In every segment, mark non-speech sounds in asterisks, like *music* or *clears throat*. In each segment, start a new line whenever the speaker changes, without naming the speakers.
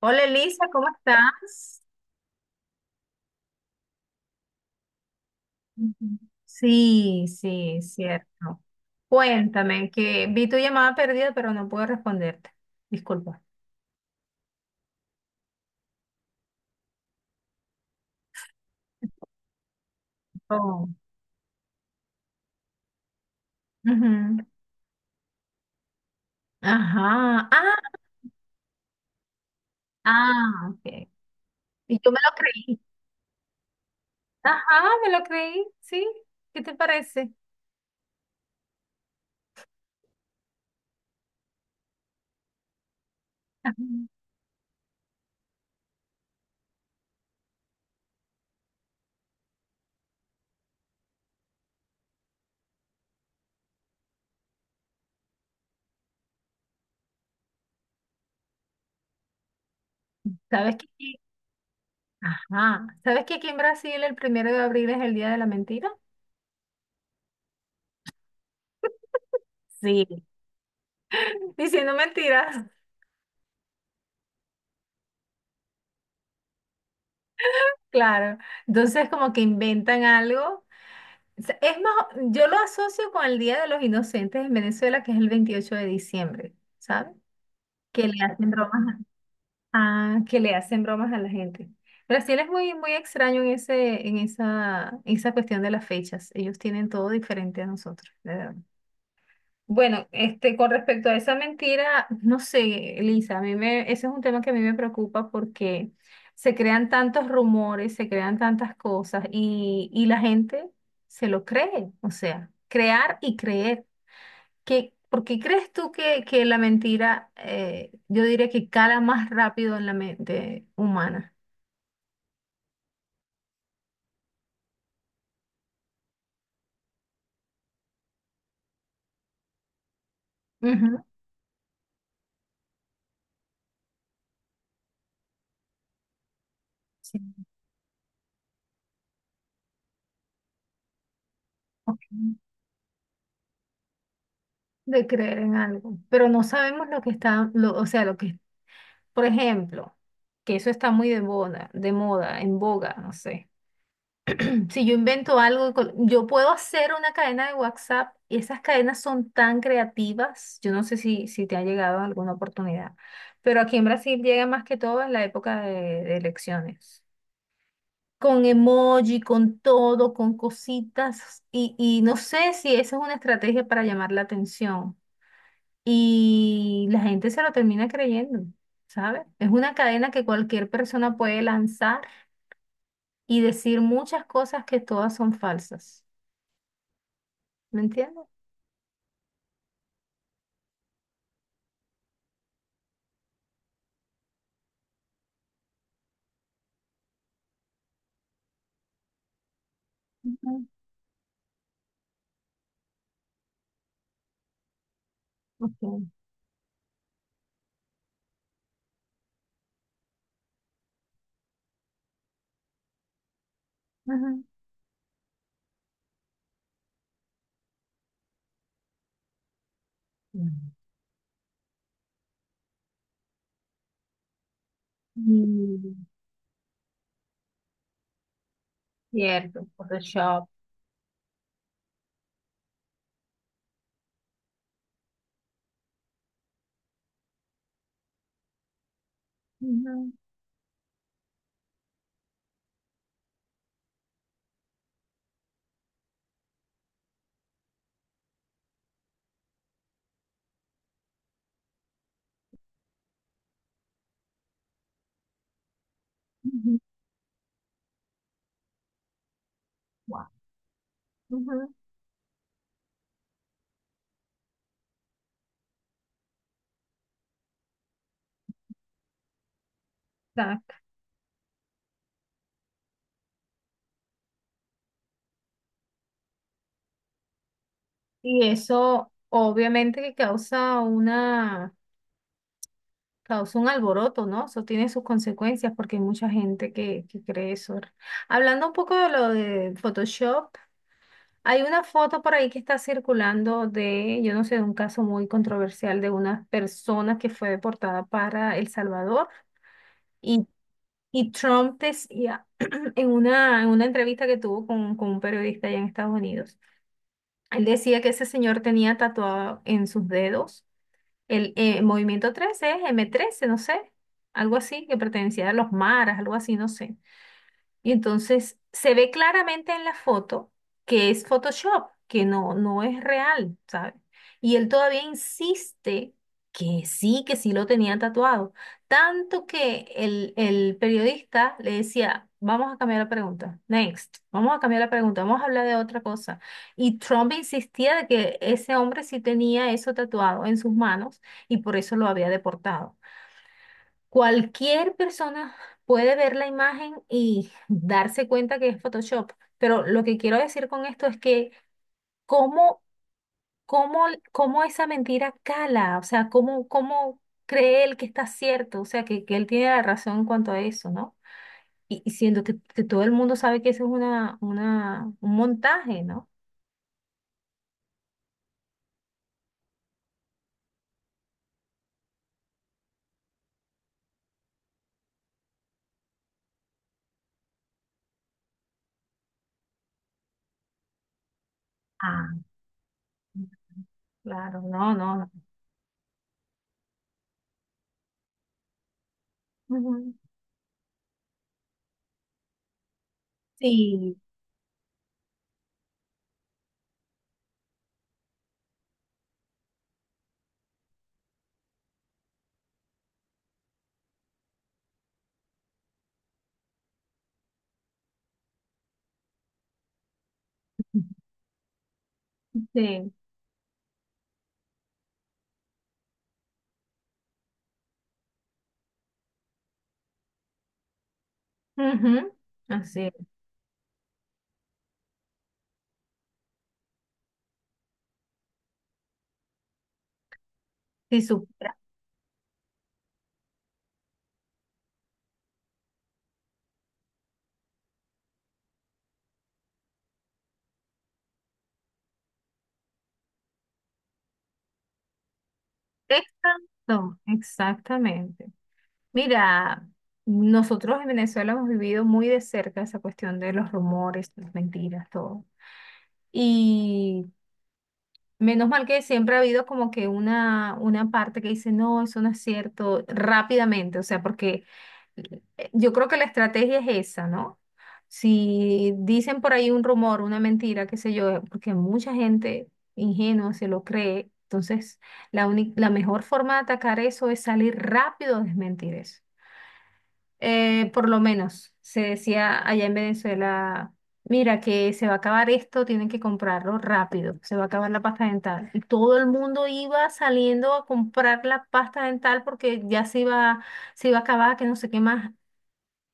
Hola, Elisa, ¿cómo estás? Ujú. Sí, sí, cierto. Cuéntame, que vi tu llamada perdida, pero no puedo responderte. Disculpa. Oh. Ujú. Ajá. Ah, ah, ok. Y tú me lo creí. Ajá, me lo creí, sí. ¿Qué te parece? Ajá. ¿Sabes que aquí- Ajá. ¿Sabes que aquí en Brasil el 1 de abril es el día de la mentira? Sí. *laughs* Diciendo mentiras. Claro. Entonces como que inventan algo. Sea, es más, yo lo asocio con el Día de los Inocentes en Venezuela, que es el 28 de diciembre, ¿sabes? Que le hacen bromas que le hacen bromas a la gente. Brasil es muy, muy extraño en ese, en esa cuestión de las fechas. Ellos tienen todo diferente a nosotros, de verdad. Bueno, este, con respecto a esa mentira, no sé, Lisa, ese es un tema que a mí me preocupa porque se crean tantos rumores, se crean tantas cosas y la gente se lo cree, o sea, crear y creer. ¿Por qué crees tú que la mentira, yo diría que cala más rápido en la mente humana? Ujú. Sí. Ok. De creer en algo, pero no sabemos lo que está, o sea, lo que... Por ejemplo, que eso está muy de moda, en boga, no sé. *clears throat* Si yo invento algo, yo puedo hacer una cadena de WhatsApp y esas cadenas son tan creativas. Yo no sé si te ha llegado en alguna oportunidad, pero aquí en Brasil llega más que todo en la época de elecciones. Con emoji, con todo, con cositas y no sé si esa es una estrategia para llamar la atención. Y la gente se lo termina creyendo, ¿sabes? Es una cadena que cualquier persona puede lanzar y decir muchas cosas que todas son falsas. ¿Me entiendes? Ujú. Ok. Ujú. Mm. Mm, cierto, Photoshop. Ujú, ujú, guau, ujú, exacto. Y eso obviamente que causa un alboroto, ¿no? Eso tiene sus consecuencias porque hay mucha gente que cree eso. Hablando un poco de lo de Photoshop, hay una foto por ahí que está circulando de, yo no sé, de un caso muy controversial de una persona que fue deportada para El Salvador, y, y Trump decía *clears throat* en una entrevista que tuvo con un periodista allá en Estados Unidos. Él decía que ese señor tenía tatuado en sus dedos el Movimiento 13 m trece, no sé, algo así, que pertenecía a los maras, algo así, no sé. Y entonces se ve claramente en la foto que es Photoshop, que no, no es real, ¿sabes? Y él todavía insiste que sí lo tenía tatuado. Tanto que el periodista le decía, vamos a cambiar la pregunta, next, vamos a cambiar la pregunta, vamos a hablar de otra cosa. Y Trump insistía de que ese hombre sí tenía eso tatuado en sus manos y por eso lo había deportado. Cualquier persona puede ver la imagen y darse cuenta que es Photoshop, pero lo que quiero decir con esto es que cómo, cómo, cómo esa mentira cala, o sea, cómo cree él que está cierto, o sea, que él tiene la razón en cuanto a eso, ¿no? Y siendo que, todo el mundo sabe que eso es un montaje, ¿no? Ah, claro, no, no, no. Ujú. Sí, sí. Sí. Ujú. Así es. Si supieras. Exacto, exactamente. Mira, nosotros en Venezuela hemos vivido muy de cerca esa cuestión de los rumores, las mentiras, todo. Y menos mal que siempre ha habido como que una parte que dice, no, eso no es cierto, rápidamente, o sea, porque eh, yo creo que la estrategia es esa, ¿no? Si dicen por ahí un rumor, una mentira, qué sé yo, porque mucha gente ingenua se lo cree, entonces la única, la mejor forma de atacar eso es salir rápido a desmentir eso. Por lo menos se decía allá en Venezuela, mira que se va a acabar esto, tienen que comprarlo rápido, se va a acabar la pasta dental. Y todo el mundo iba saliendo a comprar la pasta dental porque ya se iba a acabar, que no sé qué más.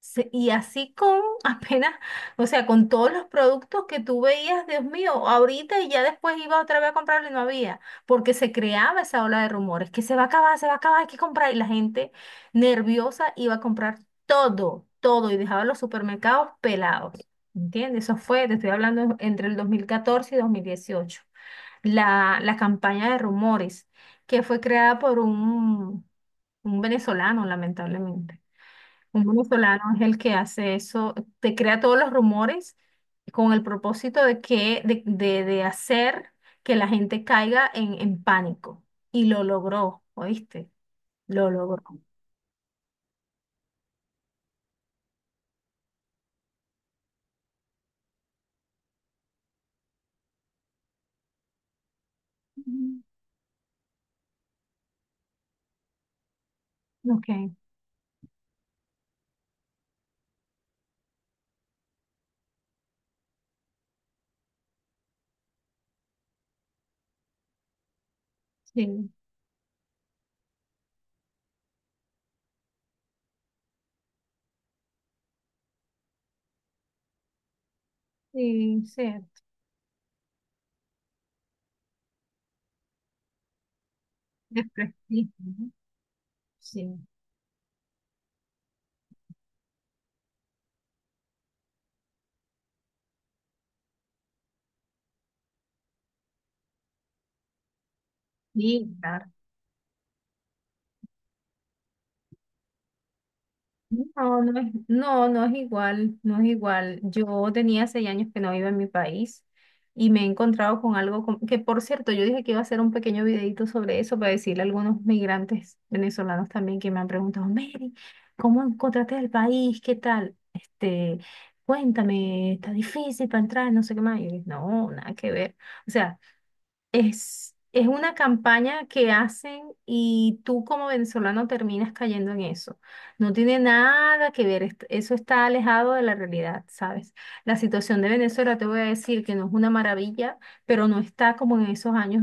Y así con *laughs* apenas, o sea, con todos los productos que tú veías, Dios mío, ahorita, y ya después iba otra vez a comprarlo y no había, porque se creaba esa ola de rumores, que se va a acabar, se va a acabar, hay que comprar. Y la gente nerviosa iba a comprar todo, todo, y dejaba los supermercados pelados. ¿Entiendes? Eso fue, te estoy hablando entre el 2014 y 2018. La campaña de rumores que fue creada por un venezolano, lamentablemente. Un venezolano es el que hace eso, te crea todos los rumores con el propósito de hacer que la gente caiga en pánico. Y lo logró, ¿oíste? Lo logró. Ujú. Ok, sí, sí, cierto. Desprestigio, ¿no? Sí, sí, claro. No, no es, no, no es igual, no es igual. Yo tenía 6 años que no iba en mi país y me he encontrado con algo que, por cierto, yo dije que iba a hacer un pequeño videito sobre eso para decirle a algunos migrantes venezolanos también que me han preguntado, Mary, ¿cómo encontraste el país? ¿Qué tal? Este, cuéntame, está difícil para entrar, no sé qué más. Y yo dije, no, nada que ver. O sea, es, una campaña que hacen y tú como venezolano terminas cayendo en eso. No tiene nada que ver, eso está alejado de la realidad, ¿sabes? La situación de Venezuela, te voy a decir que no es una maravilla, pero no está como en esos años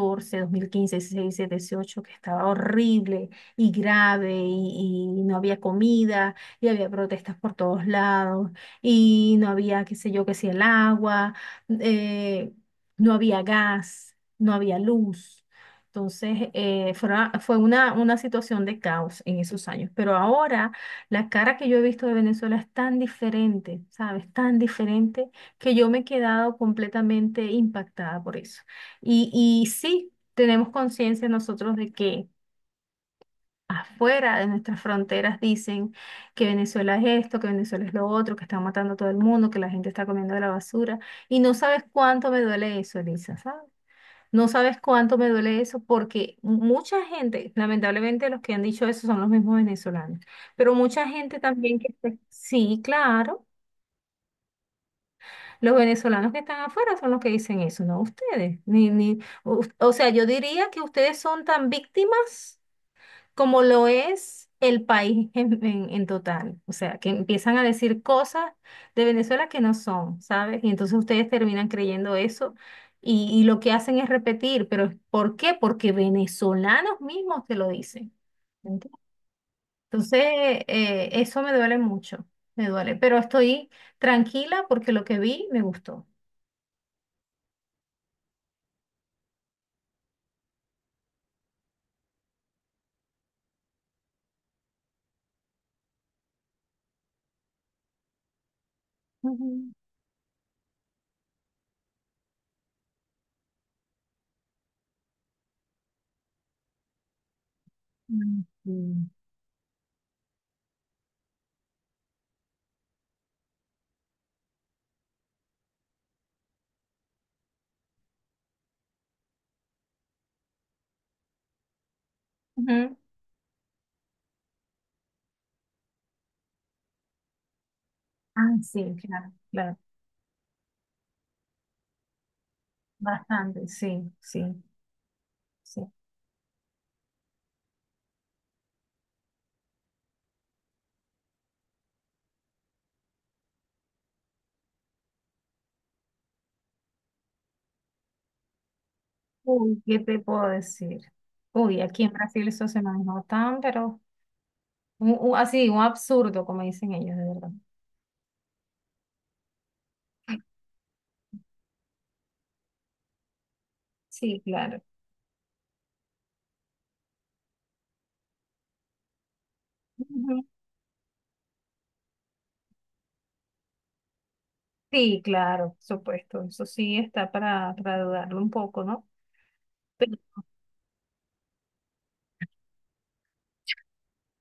2000, 2014, 2015, 16, 17, 18, que estaba horrible y grave y no había comida y había protestas por todos lados y no había, qué sé yo, qué si el agua, eh, no había gas, no había luz. Entonces, fue una situación de caos en esos años. Pero ahora la cara que yo he visto de Venezuela es tan diferente, ¿sabes? Tan diferente que yo me he quedado completamente impactada por eso. Y sí, tenemos conciencia nosotros de que afuera de nuestras fronteras dicen que Venezuela es esto, que Venezuela es lo otro, que están matando a todo el mundo, que la gente está comiendo de la basura. Y no sabes cuánto me duele eso, Elisa, ¿sabes? No sabes cuánto me duele eso porque mucha gente, lamentablemente, los que han dicho eso son los mismos venezolanos, pero mucha gente también sí, claro, los venezolanos que están afuera son los que dicen eso, no ustedes. Ni, ni, o sea, yo diría que ustedes son tan víctimas como lo es el país *laughs* en, en total. O sea, que empiezan a decir cosas de Venezuela que no son, ¿sabes? Y entonces ustedes terminan creyendo eso, y lo que hacen es repetir, pero ¿por qué? Porque venezolanos mismos te lo dicen. ¿Entiendes? Entonces, eso me duele mucho, me duele, pero estoy tranquila porque lo que vi me gustó. Ujú. Mm, sí. Ujú. Ah, sí, claro, claro, bastante, sí, sí, sí. Uy, ¿qué te puedo decir? Uy, aquí en Brasil eso se manejó tan, pero así, un absurdo, como dicen ellos, de verdad. Sí, claro. Ujú. Sí, claro, por supuesto. Eso sí está para dudarlo un poco, ¿no? Pero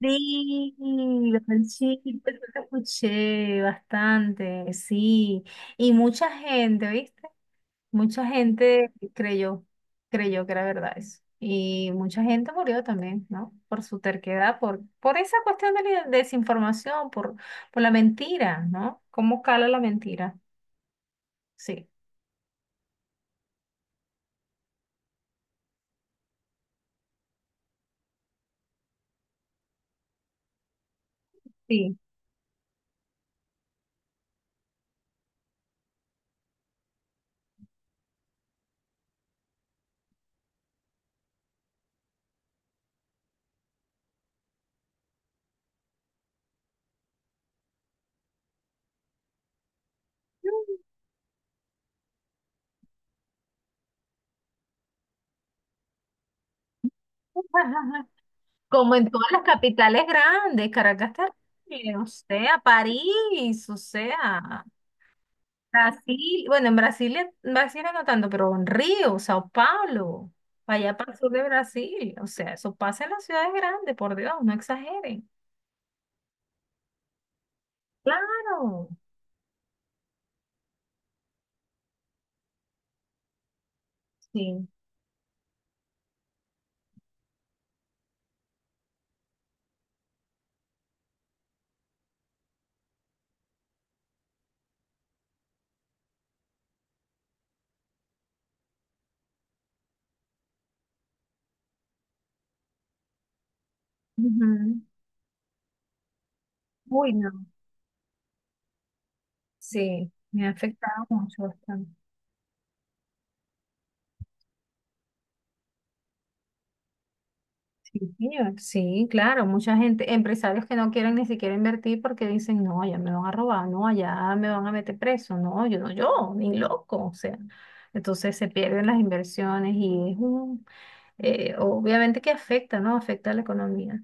sí, los panchitos, los escuché bastante, sí. Y mucha gente, ¿viste? Mucha gente creyó que era verdad eso. Y mucha gente murió también, ¿no? Por su terquedad, por esa cuestión de la desinformación, por la mentira, ¿no? ¿Cómo cala la mentira? Sí, sí. *laughs* Como en todas las capitales grandes, Caracas, terrible, o sea, París, o sea. Brasil, bueno, en Brasil no tanto, pero en Río, Sao Paulo, para allá para el sur de Brasil, o sea, eso pasa en las ciudades grandes, por Dios, no exageren. Claro, sí. Ujú. Uy, no, sí, me ha afectado mucho, bastante. Sí, señor. Sí, claro, mucha gente, empresarios que no quieren ni siquiera invertir porque dicen, no, allá me van a robar, no, allá me van a meter preso, no, yo no, yo, ni loco, o sea, entonces se pierden las inversiones y es obviamente que afecta, ¿no? Afecta a la economía.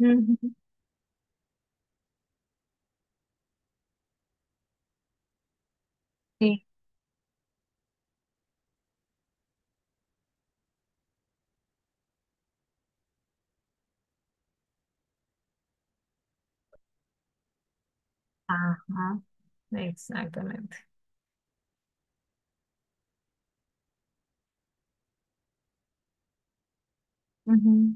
Ujú. Sí. Ajá, exactamente. Ujú.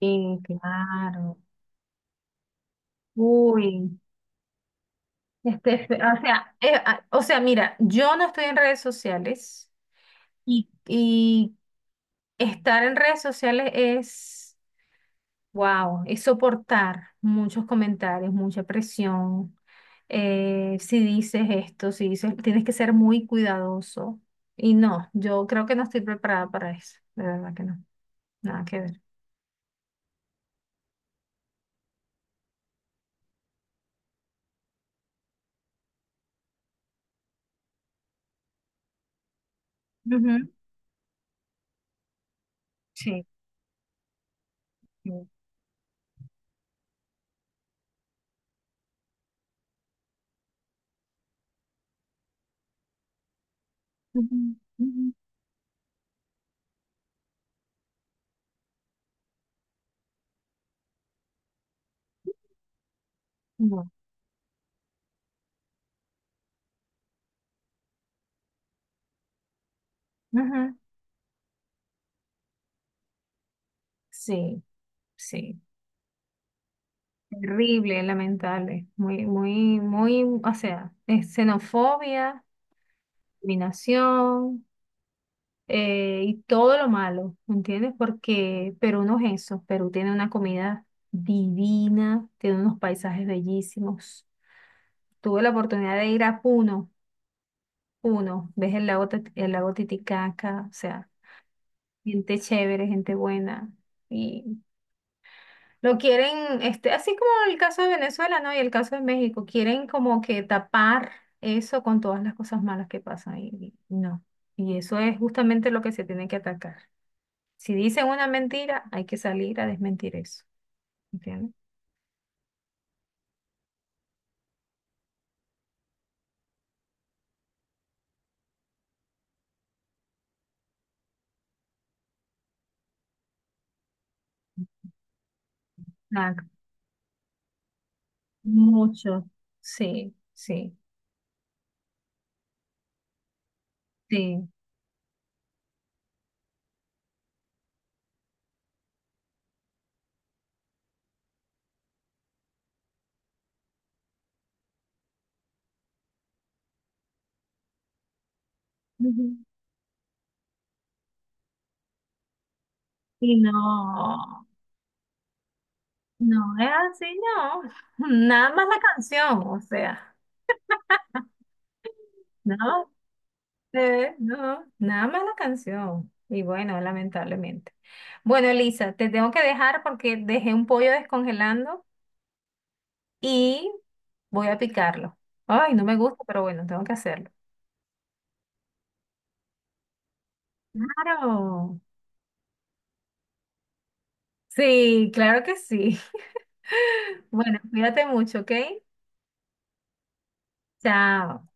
Sí, claro. Uy, este, o sea, o sea, mira, yo no estoy en redes sociales. Y, Estar en redes sociales es, wow, es soportar muchos comentarios, mucha presión. Si dices esto, si dices, tienes que ser muy cuidadoso. Y no, yo creo que no estoy preparada para eso. De verdad que no. Nada que ver. Ujú. Sí, sí. Ujú, ujú. No. Ujú. Sí, sí. Terrible, lamentable. Muy, muy, muy, o sea, es xenofobia, discriminación. Y todo lo malo, ¿entiendes? Porque Perú no es eso, Perú tiene una comida divina, tiene unos paisajes bellísimos. Tuve la oportunidad de ir a Puno. Puno, ves el lago, el lago Titicaca, o sea, gente chévere, gente buena. Y lo quieren, este, así como el caso de Venezuela, ¿no? Y el caso de México, quieren como que tapar eso con todas las cosas malas que pasan. Y no. Y eso es justamente lo que se tiene que atacar. Si dicen una mentira, hay que salir a desmentir eso. ¿Entiendes? Exacto. Mucho. Sí, sí. Sí. Ujú. Y no, no es así. No, nada más la canción, o sea, no. No. No, nada más la canción. Y bueno, lamentablemente. Bueno, Elisa, te tengo que dejar porque dejé un pollo descongelando y voy a picarlo. Ay, no me gusta, pero bueno, tengo que hacerlo. Claro. Sí, claro que sí. *laughs* Bueno, cuídate mucho, ¿ok? Chao.